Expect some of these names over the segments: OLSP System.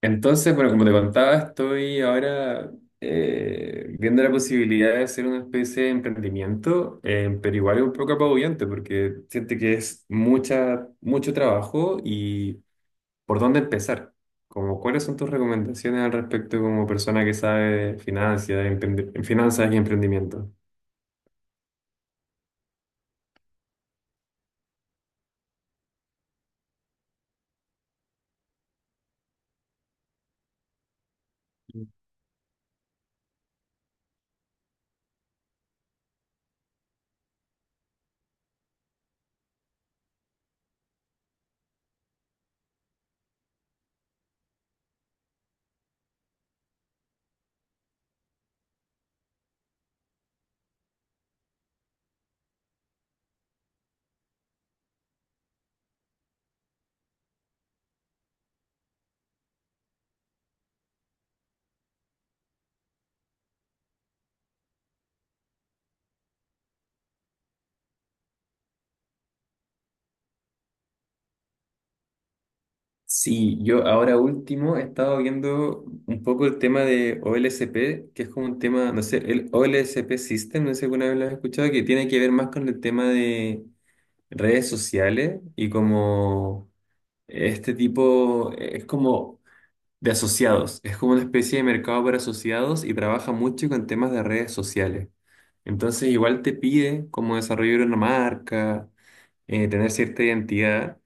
Entonces, bueno, como te contaba, estoy ahora viendo la posibilidad de hacer una especie de emprendimiento, pero igual es un poco apabullante porque siente que es mucha, mucho trabajo y por dónde empezar. Como, ¿cuáles son tus recomendaciones al respecto como persona que sabe de finanzas, de emprendi- finanzas y emprendimiento? Sí, yo ahora último he estado viendo un poco el tema de OLSP, que es como un tema, no sé, el OLSP System, no sé si alguna vez lo has escuchado, que tiene que ver más con el tema de redes sociales y como este tipo, es como de asociados, es como una especie de mercado para asociados y trabaja mucho con temas de redes sociales. Entonces igual te pide como desarrollar una marca, tener cierta identidad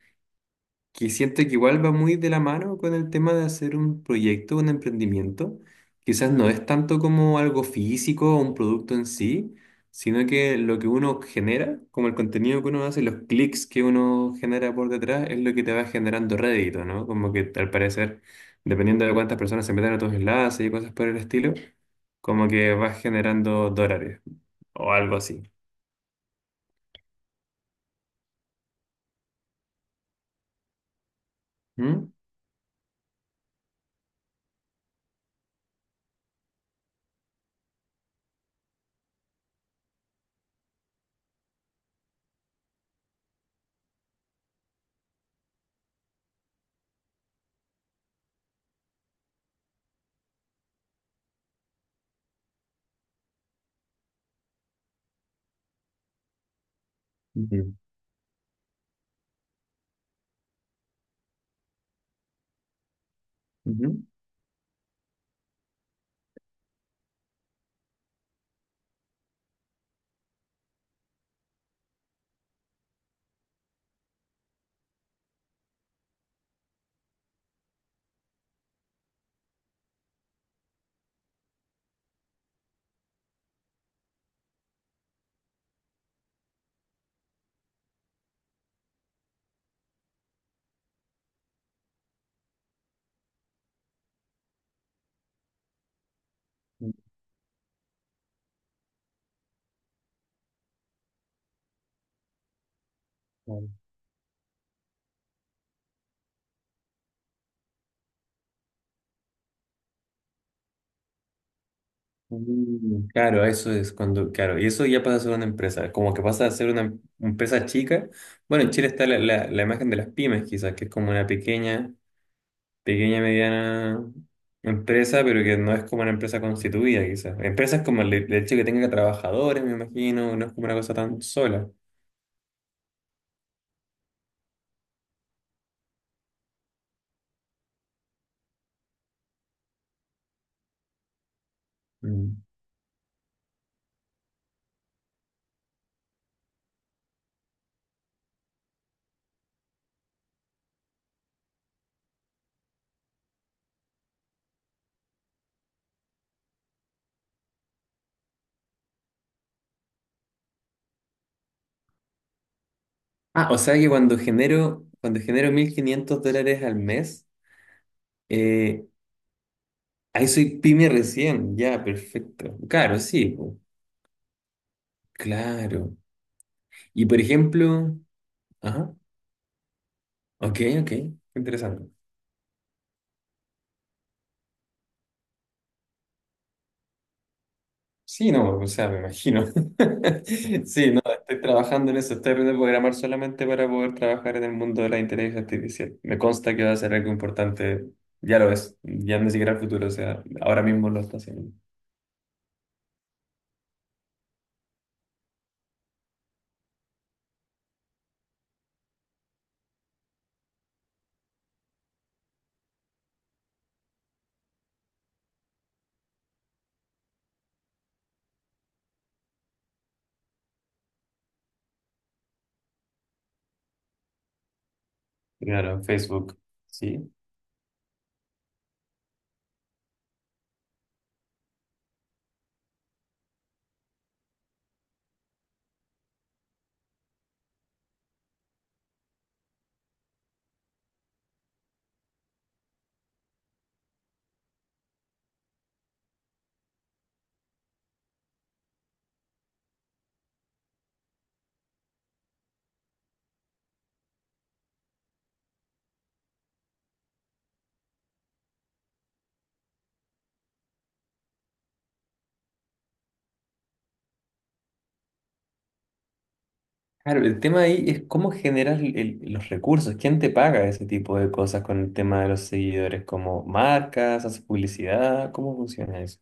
que siento que igual va muy de la mano con el tema de hacer un proyecto, un emprendimiento. Quizás no es tanto como algo físico o un producto en sí, sino que lo que uno genera, como el contenido que uno hace, los clics que uno genera por detrás, es lo que te va generando rédito, ¿no? Como que al parecer, dependiendo de cuántas personas se metan a tus enlaces y cosas por el estilo, como que vas generando dólares o algo así. ¿Mm? Ujú, ujú. Mm, claro, eso es cuando, claro, y eso ya pasa a ser una empresa, como que pasa a ser una empresa chica. Bueno, en Chile está la imagen de las pymes, quizás, que es como una pequeña, pequeña, mediana empresa, pero que no es como una empresa constituida, quizás. Empresas como el hecho de que tenga trabajadores, me imagino, no es como una cosa tan sola. Mm. Ah, o sea que cuando genero $1.500 al mes, eh, ahí soy pyme recién, ya, perfecto. Claro, sí, po, claro. Y por ejemplo, ajá, ok, ok, qué interesante. Sí, no, o sea, me imagino. Sí, no, estoy trabajando en eso, estoy aprendiendo a programar solamente para poder trabajar en el mundo de la inteligencia artificial. Me consta que va a ser algo importante, ya lo es, ya ni siquiera el futuro, o sea, ahora mismo lo está haciendo. Claro, Facebook, sí. Claro, el tema ahí es cómo generas los recursos, quién te paga ese tipo de cosas con el tema de los seguidores, como marcas, haces publicidad, ¿cómo funciona eso?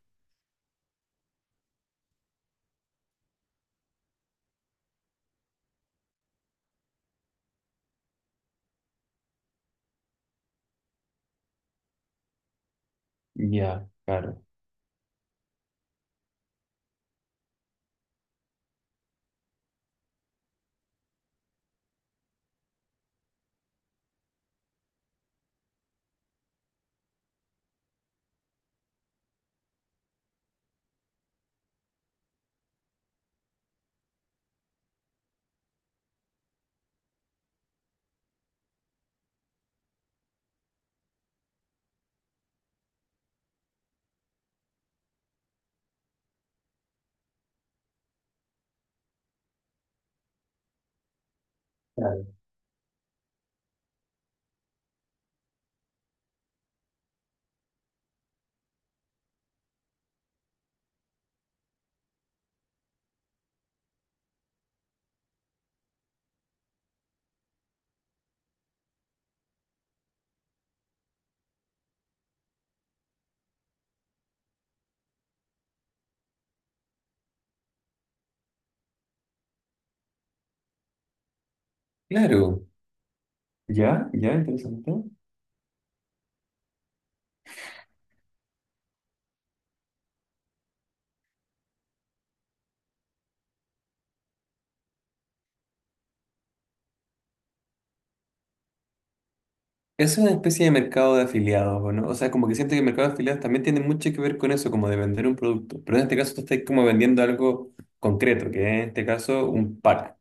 Ya, claro. Claro. Claro. Ya, ya, interesante. Es una especie de mercado de afiliados, ¿o ¿no? O sea, como que siento que el mercado de afiliados también tiene mucho que ver con eso, como de vender un producto. Pero en este caso tú estás como vendiendo algo concreto, que es en este caso un pack.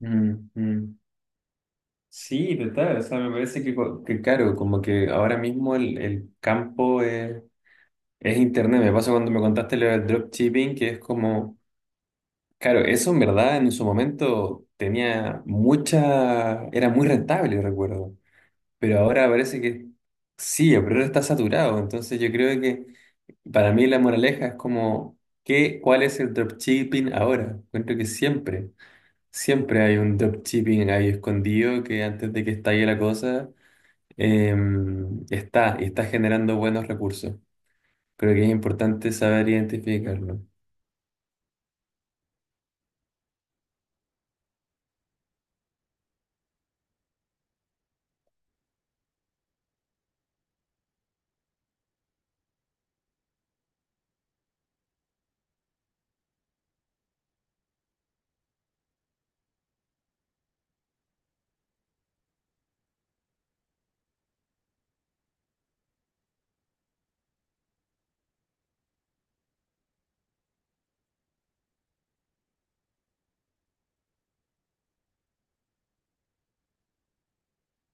Mm, mm. Sí, total. O sea, me parece que, que claro, como que ahora mismo el campo es internet. Me pasa cuando me contaste lo del dropshipping, que es como, claro, eso en verdad en su momento tenía mucha, era muy rentable, recuerdo. Pero ahora parece que sí, el problema está saturado. Entonces yo creo que para mí la moraleja es como, ¿cuál es el dropshipping ahora? Encuentro que siempre, siempre hay un dropshipping ahí escondido que antes de que estalle la cosa, eh, está y está generando buenos recursos. Creo que es importante saber identificarlo.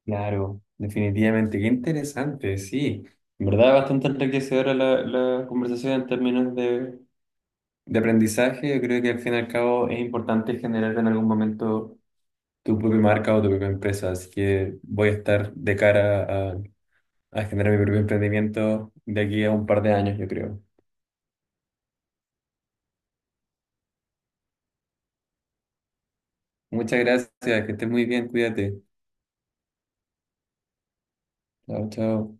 Claro, definitivamente. Qué interesante, sí. En verdad, bastante enriquecedora la conversación en términos de aprendizaje, yo creo que al fin y al cabo es importante generar en algún momento tu propia marca o tu propia empresa, así que voy a estar de cara a generar mi propio emprendimiento de aquí a un par de años, yo creo. Muchas gracias, que estés muy bien, cuídate. Chao, chao.